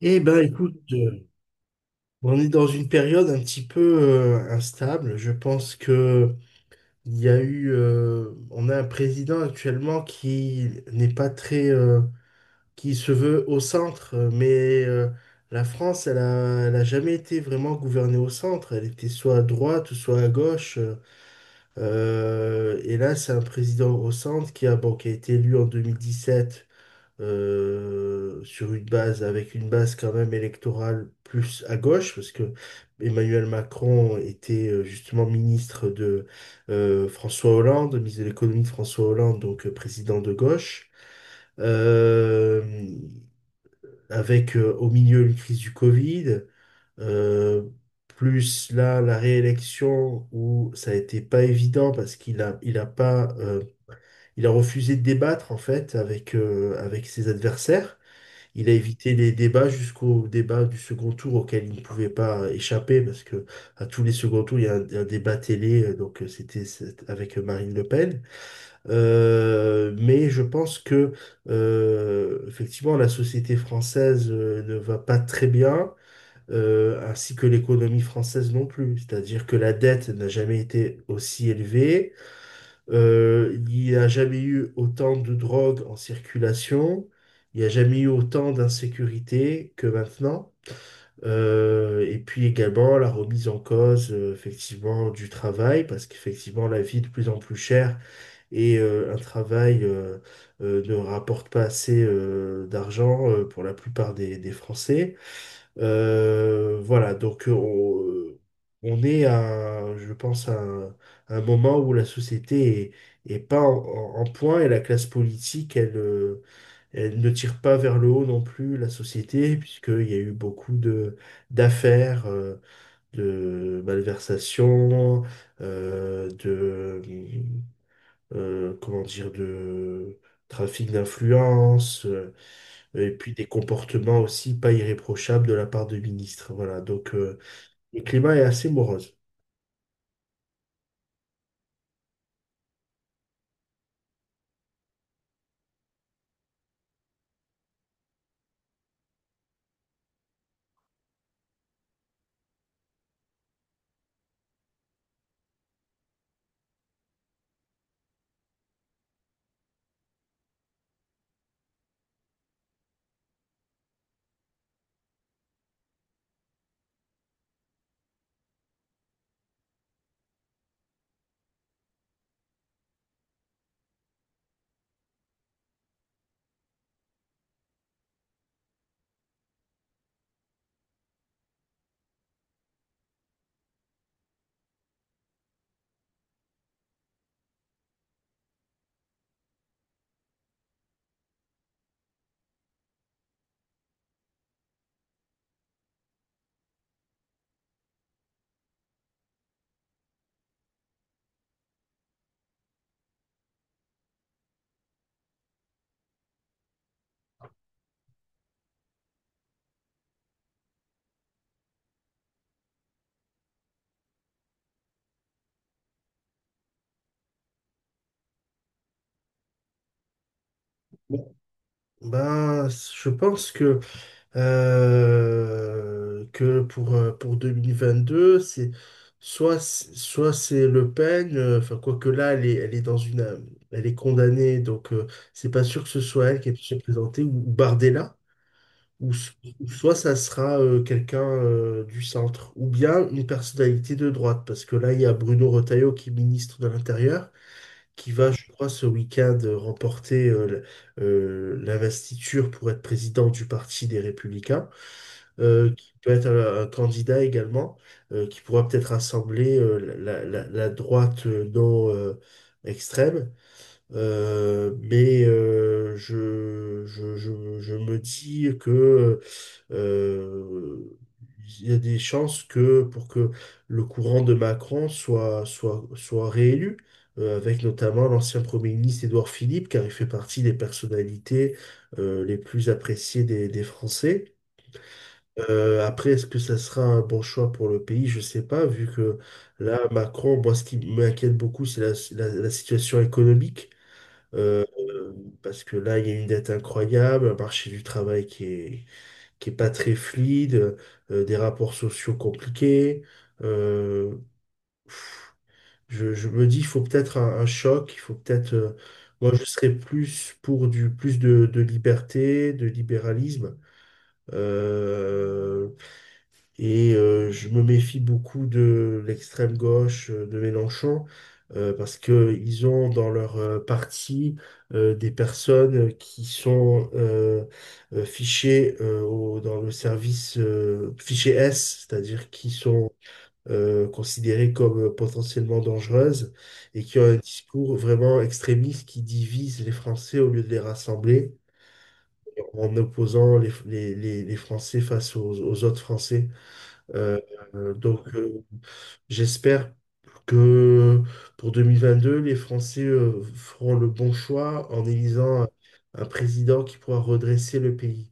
Eh ben, écoute, on est dans une période un petit peu instable. Je pense que il y a eu, on a un président actuellement qui n'est pas très, qui se veut au centre, mais la France, elle a jamais été vraiment gouvernée au centre. Elle était soit à droite ou soit à gauche. Et là, c'est un président au centre bon, qui a été élu en 2017, avec une base quand même électorale plus à gauche, parce que Emmanuel Macron était justement ministre de François Hollande, ministre de l'économie de François Hollande, donc président de gauche, Euh, avec, au milieu, une crise du Covid, euh, plus là la réélection où ça a été pas évident parce qu'il a, il a pas, il a refusé de débattre en fait avec ses adversaires. Il a évité les débats jusqu'au débat du second tour auquel il ne pouvait pas échapper parce que à tous les seconds tours, il y a un débat télé, donc avec Marine Le Pen. Mais je pense que effectivement, la société française ne va pas très bien, ainsi que l'économie française non plus. C'est-à-dire que la dette n'a jamais été aussi élevée. Il n'y a jamais eu autant de drogue en circulation, il n'y a jamais eu autant d'insécurité que maintenant. Et puis également la remise en cause, effectivement, du travail, parce qu'effectivement la vie est de plus en plus chère et un travail, ne rapporte pas assez d'argent pour la plupart des Français. Voilà, donc on est à, je pense, à un moment où la société est pas en point, et la classe politique, elle, elle ne tire pas vers le haut non plus la société, puisqu'il y a eu beaucoup de d'affaires, de malversations, euh, de, comment dire, de trafic d'influence. Et puis des comportements aussi pas irréprochables de la part de ministres. Voilà, donc le climat est assez morose. Bon, ben, je pense que pour 2022, soit c'est Le Pen, enfin, quoique là, elle est, elle est condamnée, donc c'est pas sûr que ce soit elle qui ait pu se présenter, ou Bardella. Ou, s- ou soit ça sera quelqu'un du centre, ou bien une personnalité de droite, parce que là, il y a Bruno Retailleau qui est ministre de l'Intérieur, qui va, je crois, ce week-end remporter l'investiture pour être président du Parti des Républicains, qui peut être un candidat également, qui pourra peut-être rassembler, la droite non extrême. Mais je me dis que euh, il y a des chances que pour que le courant de Macron soit réélu, avec notamment l'ancien Premier ministre Édouard Philippe, car il fait partie des personnalités les plus appréciées des Français. Après, est-ce que ça sera un bon choix pour le pays? Je sais pas, vu que là, Macron, moi, ce qui m'inquiète beaucoup, c'est la situation économique. Euh, euh, parce que là, il y a une dette incroyable, un marché du travail qui est pas très fluide, des rapports sociaux compliqués. Euh, je me dis, il faut peut-être un choc, il faut peut-être. Moi, je serais plus pour du plus de liberté, de libéralisme. Euh, et je me méfie beaucoup de l'extrême gauche, de Mélenchon, parce que ils ont dans leur parti des personnes qui sont, fichées, dans le service fiché S, c'est-à-dire qui sont considérées comme potentiellement dangereuses, et qui ont un discours vraiment extrémiste qui divise les Français au lieu de les rassembler, en opposant les Français face aux autres Français. Euh, donc, j'espère que pour 2022, les Français feront le bon choix en élisant un président qui pourra redresser le pays.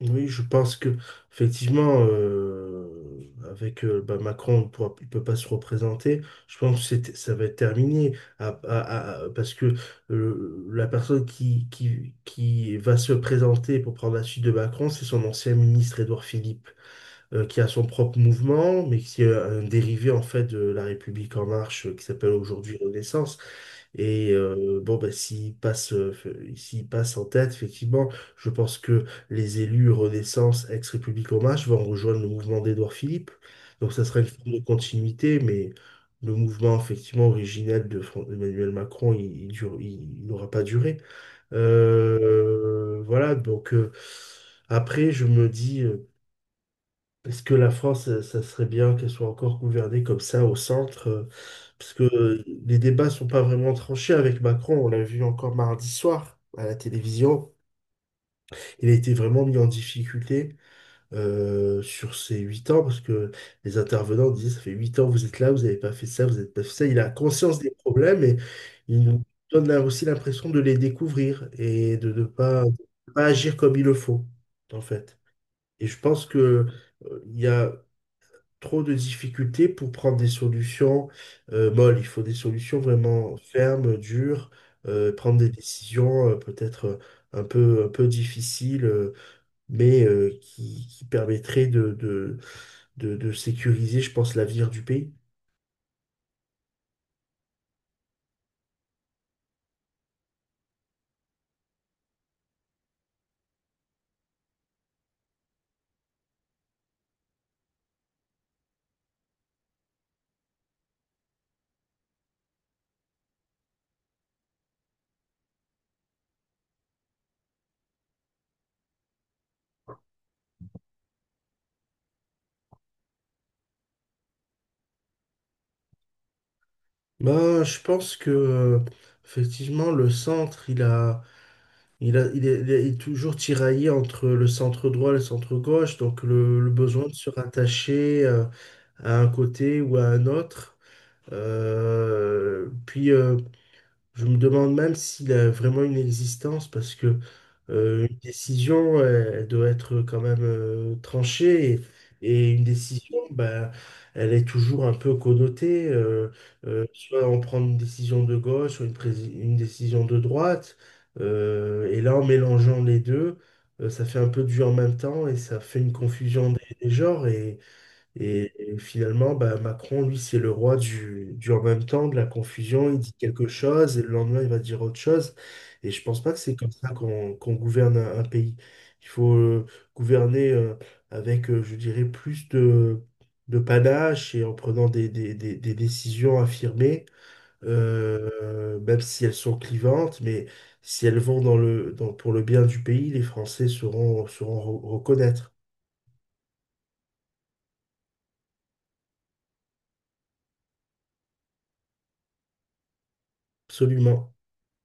Oui, je pense que effectivement, avec, bah, Macron, il ne peut pas se représenter. Je pense que ça va être terminé, parce que la personne qui va se présenter pour prendre la suite de Macron, c'est son ancien ministre Édouard Philippe, qui a son propre mouvement, mais qui est un dérivé en fait de La République en marche, qui s'appelle aujourd'hui Renaissance. Et bon, ben, s'il passe en tête, effectivement, je pense que les élus Renaissance, ex-République en marche, vont rejoindre le mouvement d'Édouard Philippe. Donc, ça sera une forme de continuité, mais le mouvement, effectivement, originel de Emmanuel Macron, il n'aura pas duré. Voilà, donc après, je me dis, parce que la France, ça serait bien qu'elle soit encore gouvernée comme ça au centre? Parce que les débats sont pas vraiment tranchés avec Macron. On l'a vu encore mardi soir à la télévision. Il a été vraiment mis en difficulté sur ces 8 ans, parce que les intervenants disaient, ça fait 8 ans, vous êtes là, vous n'avez pas fait ça, vous n'avez pas fait ça. Il a conscience des problèmes et il nous donne là aussi l'impression de les découvrir et de pas agir comme il le faut, en fait. Et je pense que il y a trop de difficultés pour prendre des solutions, molles. Il faut des solutions vraiment fermes, dures, prendre des décisions, peut-être, un peu difficiles, mais qui permettraient de sécuriser, je pense, l'avenir du pays. Ben, je pense que effectivement le centre il a il a il est, il est- il est toujours tiraillé entre le centre droit et le centre gauche. Donc le besoin de se rattacher, à un côté ou à un autre. Puis, je me demande même s'il a vraiment une existence, parce que une décision, elle, elle doit être quand même, tranchée, et une décision, ben, elle est toujours un peu connotée. Soit on prend une décision de gauche ou une décision de droite. Et là, en mélangeant les deux, ça fait un peu du en même temps et ça fait une confusion des genres. Et finalement, bah, Macron, lui, c'est le roi du en même temps, de la confusion. Il dit quelque chose et le lendemain, il va dire autre chose. Et je pense pas que c'est comme ça qu'on gouverne un pays. Il faut, gouverner, avec, je dirais, plus de panache, et en prenant des décisions affirmées, même si elles sont clivantes, mais si elles vont pour le bien du pays, les Français sauront reconnaître. Absolument.